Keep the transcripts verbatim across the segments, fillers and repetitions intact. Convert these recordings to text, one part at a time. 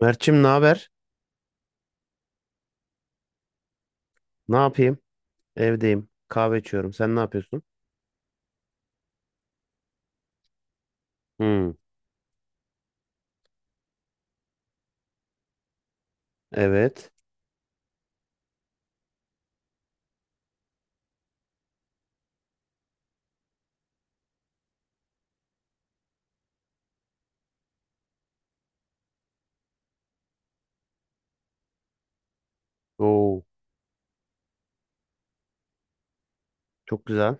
Mert'cim, ne haber? Ne yapayım? Evdeyim. Kahve içiyorum. Sen ne yapıyorsun? Hmm. Evet. Oo, çok güzel.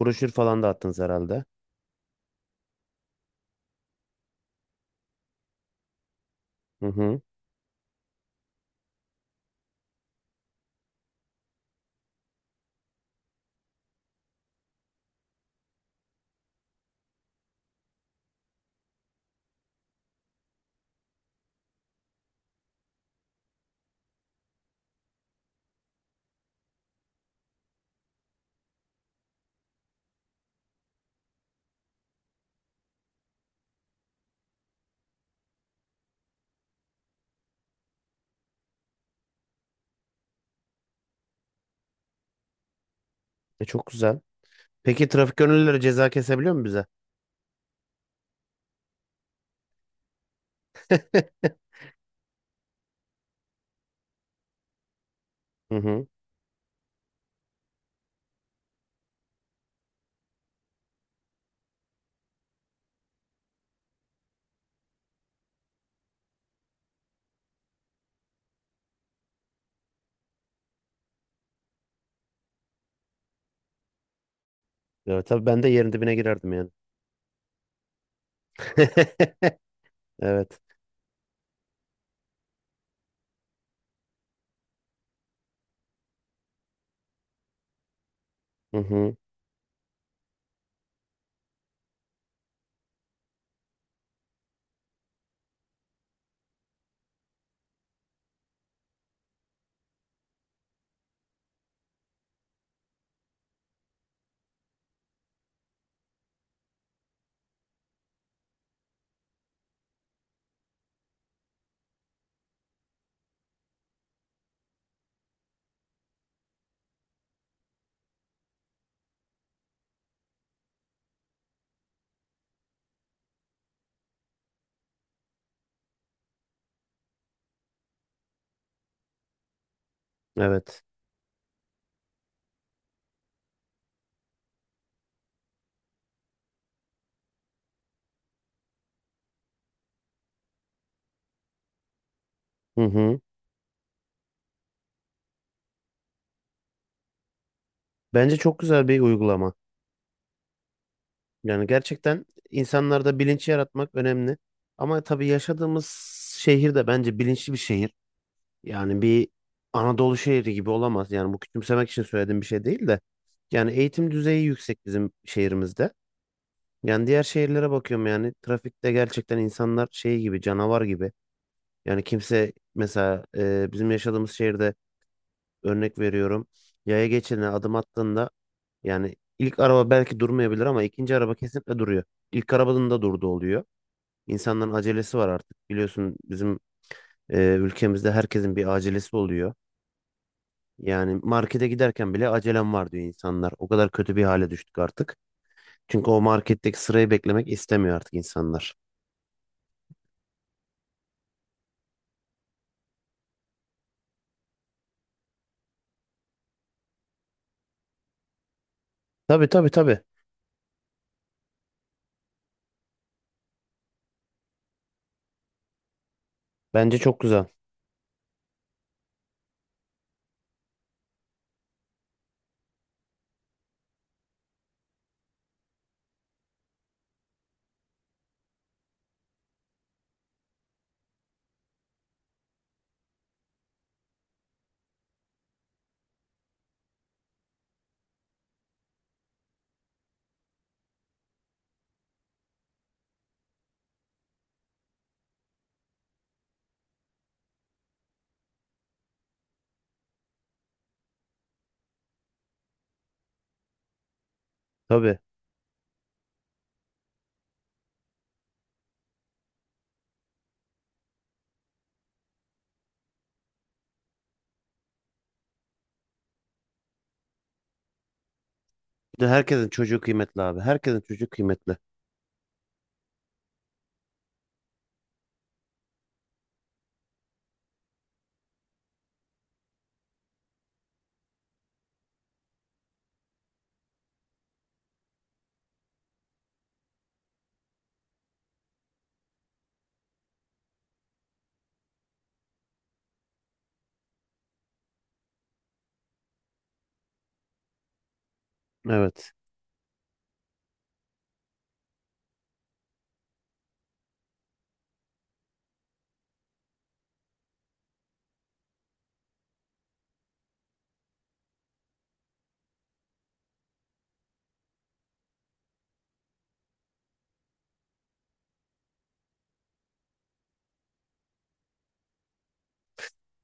Broşür falan da attınız herhalde. Hı hı. E, çok güzel. Peki, trafik gönüllüleri ceza kesebiliyor mu bize? Hı hı. Evet, tabii ben de yerin dibine girerdim yani. Evet. Hı hı. Evet. Hı hı. Bence çok güzel bir uygulama. Yani gerçekten insanlarda bilinç yaratmak önemli. Ama tabii yaşadığımız şehir de bence bilinçli bir şehir. Yani bir Anadolu şehri gibi olamaz. Yani bu küçümsemek için söylediğim bir şey değil de. Yani eğitim düzeyi yüksek bizim şehrimizde. Yani diğer şehirlere bakıyorum, yani trafikte gerçekten insanlar şey gibi, canavar gibi. Yani kimse mesela e, bizim yaşadığımız şehirde örnek veriyorum. Yaya geçidine adım attığında yani ilk araba belki durmayabilir ama ikinci araba kesinlikle duruyor. İlk arabanın da durduğu oluyor. İnsanların acelesi var artık. Biliyorsun, bizim e, ülkemizde herkesin bir acelesi oluyor. Yani markete giderken bile acelem var diyor insanlar. O kadar kötü bir hale düştük artık. Çünkü o marketteki sırayı beklemek istemiyor artık insanlar. Tabii, tabii, tabii. Bence çok güzel. Tabii. Bir de herkesin çocuğu kıymetli abi. Herkesin çocuğu kıymetli. Evet.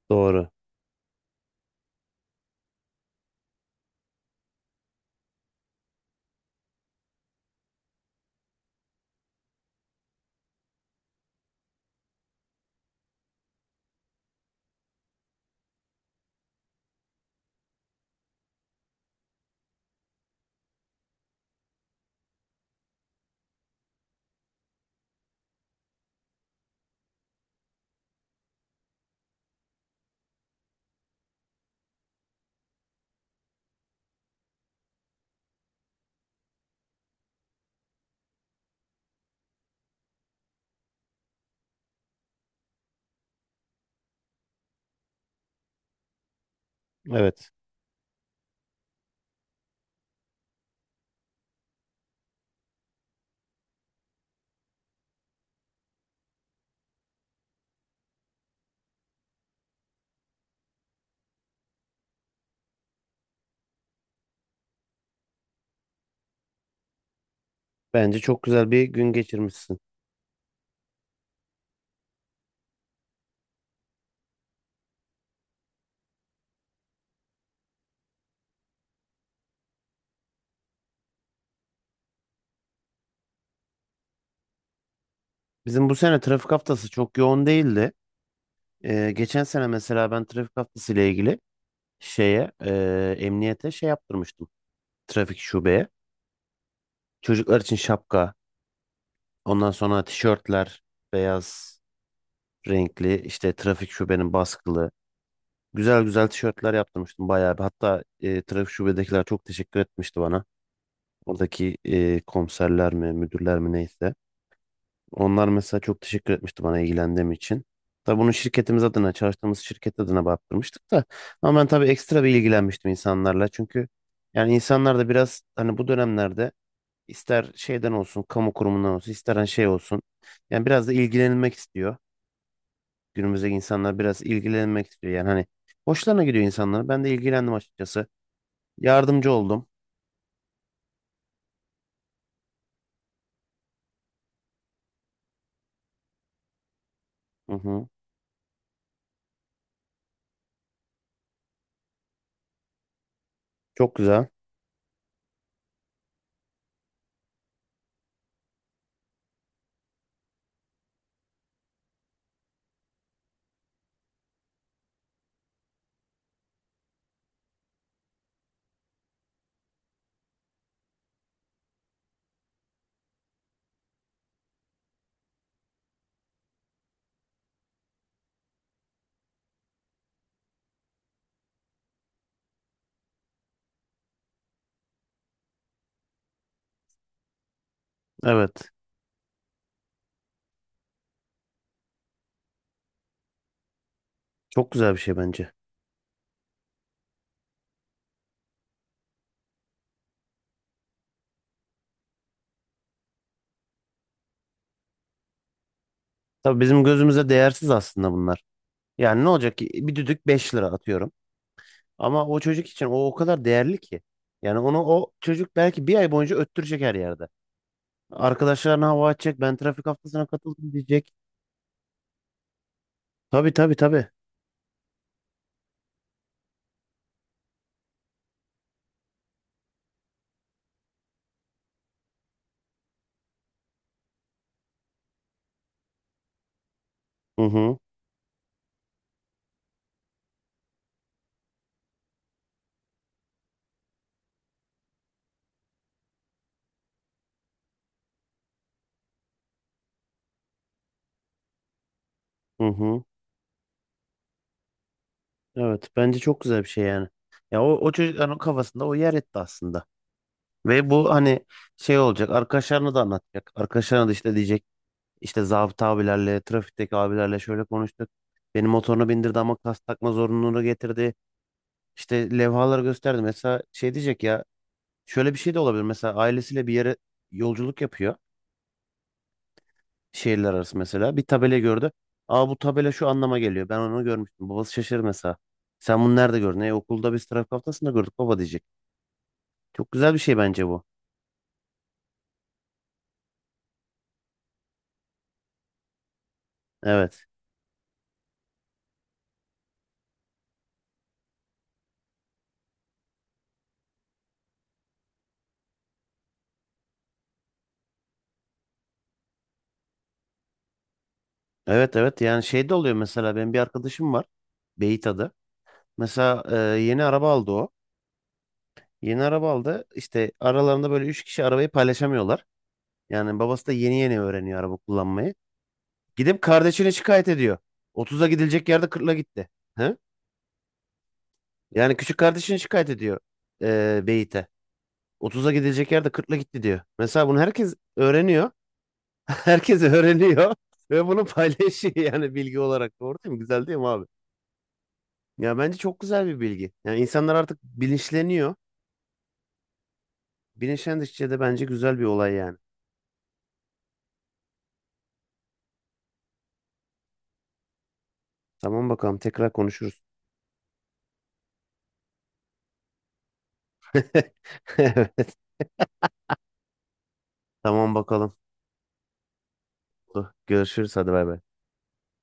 Doğru. Evet. Bence çok güzel bir gün geçirmişsin. Bizim bu sene trafik haftası çok yoğun değildi. Ee, geçen sene mesela ben trafik haftası ile ilgili şeye, e, emniyete şey yaptırmıştım. Trafik şubeye. Çocuklar için şapka, ondan sonra tişörtler, beyaz renkli, işte trafik şubenin baskılı. Güzel güzel tişörtler yaptırmıştım bayağı bir. Hatta e, trafik şubedekiler çok teşekkür etmişti bana. Oradaki e, komiserler mi, müdürler mi, neyse. Onlar mesela çok teşekkür etmişti bana ilgilendiğim için. Tabii bunu şirketimiz adına, çalıştığımız şirket adına baktırmıştık da. Ama ben tabii ekstra bir ilgilenmiştim insanlarla. Çünkü yani insanlar da biraz hani bu dönemlerde ister şeyden olsun, kamu kurumundan olsun, ister hani şey olsun. Yani biraz da ilgilenilmek istiyor. Günümüzdeki insanlar biraz ilgilenmek istiyor. Yani hani hoşlarına gidiyor insanlar. Ben de ilgilendim açıkçası. Yardımcı oldum. Hı hı. Çok güzel. Evet. Çok güzel bir şey bence. Tabii bizim gözümüze değersiz aslında bunlar. Yani ne olacak ki bir düdük, beş lira atıyorum. Ama o çocuk için o o kadar değerli ki. Yani onu o çocuk belki bir ay boyunca öttürecek her yerde. Arkadaşlarına hava atacak. Ben trafik haftasına katıldım diyecek. Tabii, tabii, tabii. Hı hı. Hı hı. Evet. Bence çok güzel bir şey yani. Ya o, o çocukların kafasında o yer etti aslında. Ve bu hani şey olacak, arkadaşlarına da anlatacak. Arkadaşlarına da işte diyecek, işte zabıta abilerle, trafikteki abilerle şöyle konuştuk. Benim motoruna bindirdi ama kask takma zorunluluğunu getirdi. İşte levhalar gösterdi. Mesela şey diyecek ya, şöyle bir şey de olabilir. Mesela ailesiyle bir yere yolculuk yapıyor. Şehirler arası mesela bir tabela gördü. Aa, bu tabela şu anlama geliyor. Ben onu görmüştüm. Babası şaşırır mesela. Sen bunu nerede gördün? E, okulda biz trafik haftasında gördük baba diyecek. Çok güzel bir şey bence bu. Evet. Evet, evet, yani şey de oluyor mesela, benim bir arkadaşım var. Beyit. Mesela e, yeni araba aldı o. Yeni araba aldı. İşte aralarında böyle üç kişi arabayı paylaşamıyorlar. Yani babası da yeni yeni öğreniyor araba kullanmayı. Gidip kardeşine şikayet ediyor. otuza gidilecek yerde kırkla gitti. He? Yani küçük kardeşine şikayet ediyor, e, Beyit'e. otuza gidilecek yerde kırkla gitti diyor. Mesela bunu herkes öğreniyor. Herkes öğreniyor. Ve bunu paylaşıyor yani bilgi olarak. Doğru değil mi? Güzel değil mi abi? Ya bence çok güzel bir bilgi. Yani insanlar artık bilinçleniyor. Bilinçlendikçe de bence güzel bir olay yani. Tamam, bakalım, tekrar konuşuruz. Evet. Tamam bakalım. Görüşürüz, hadi bay bay.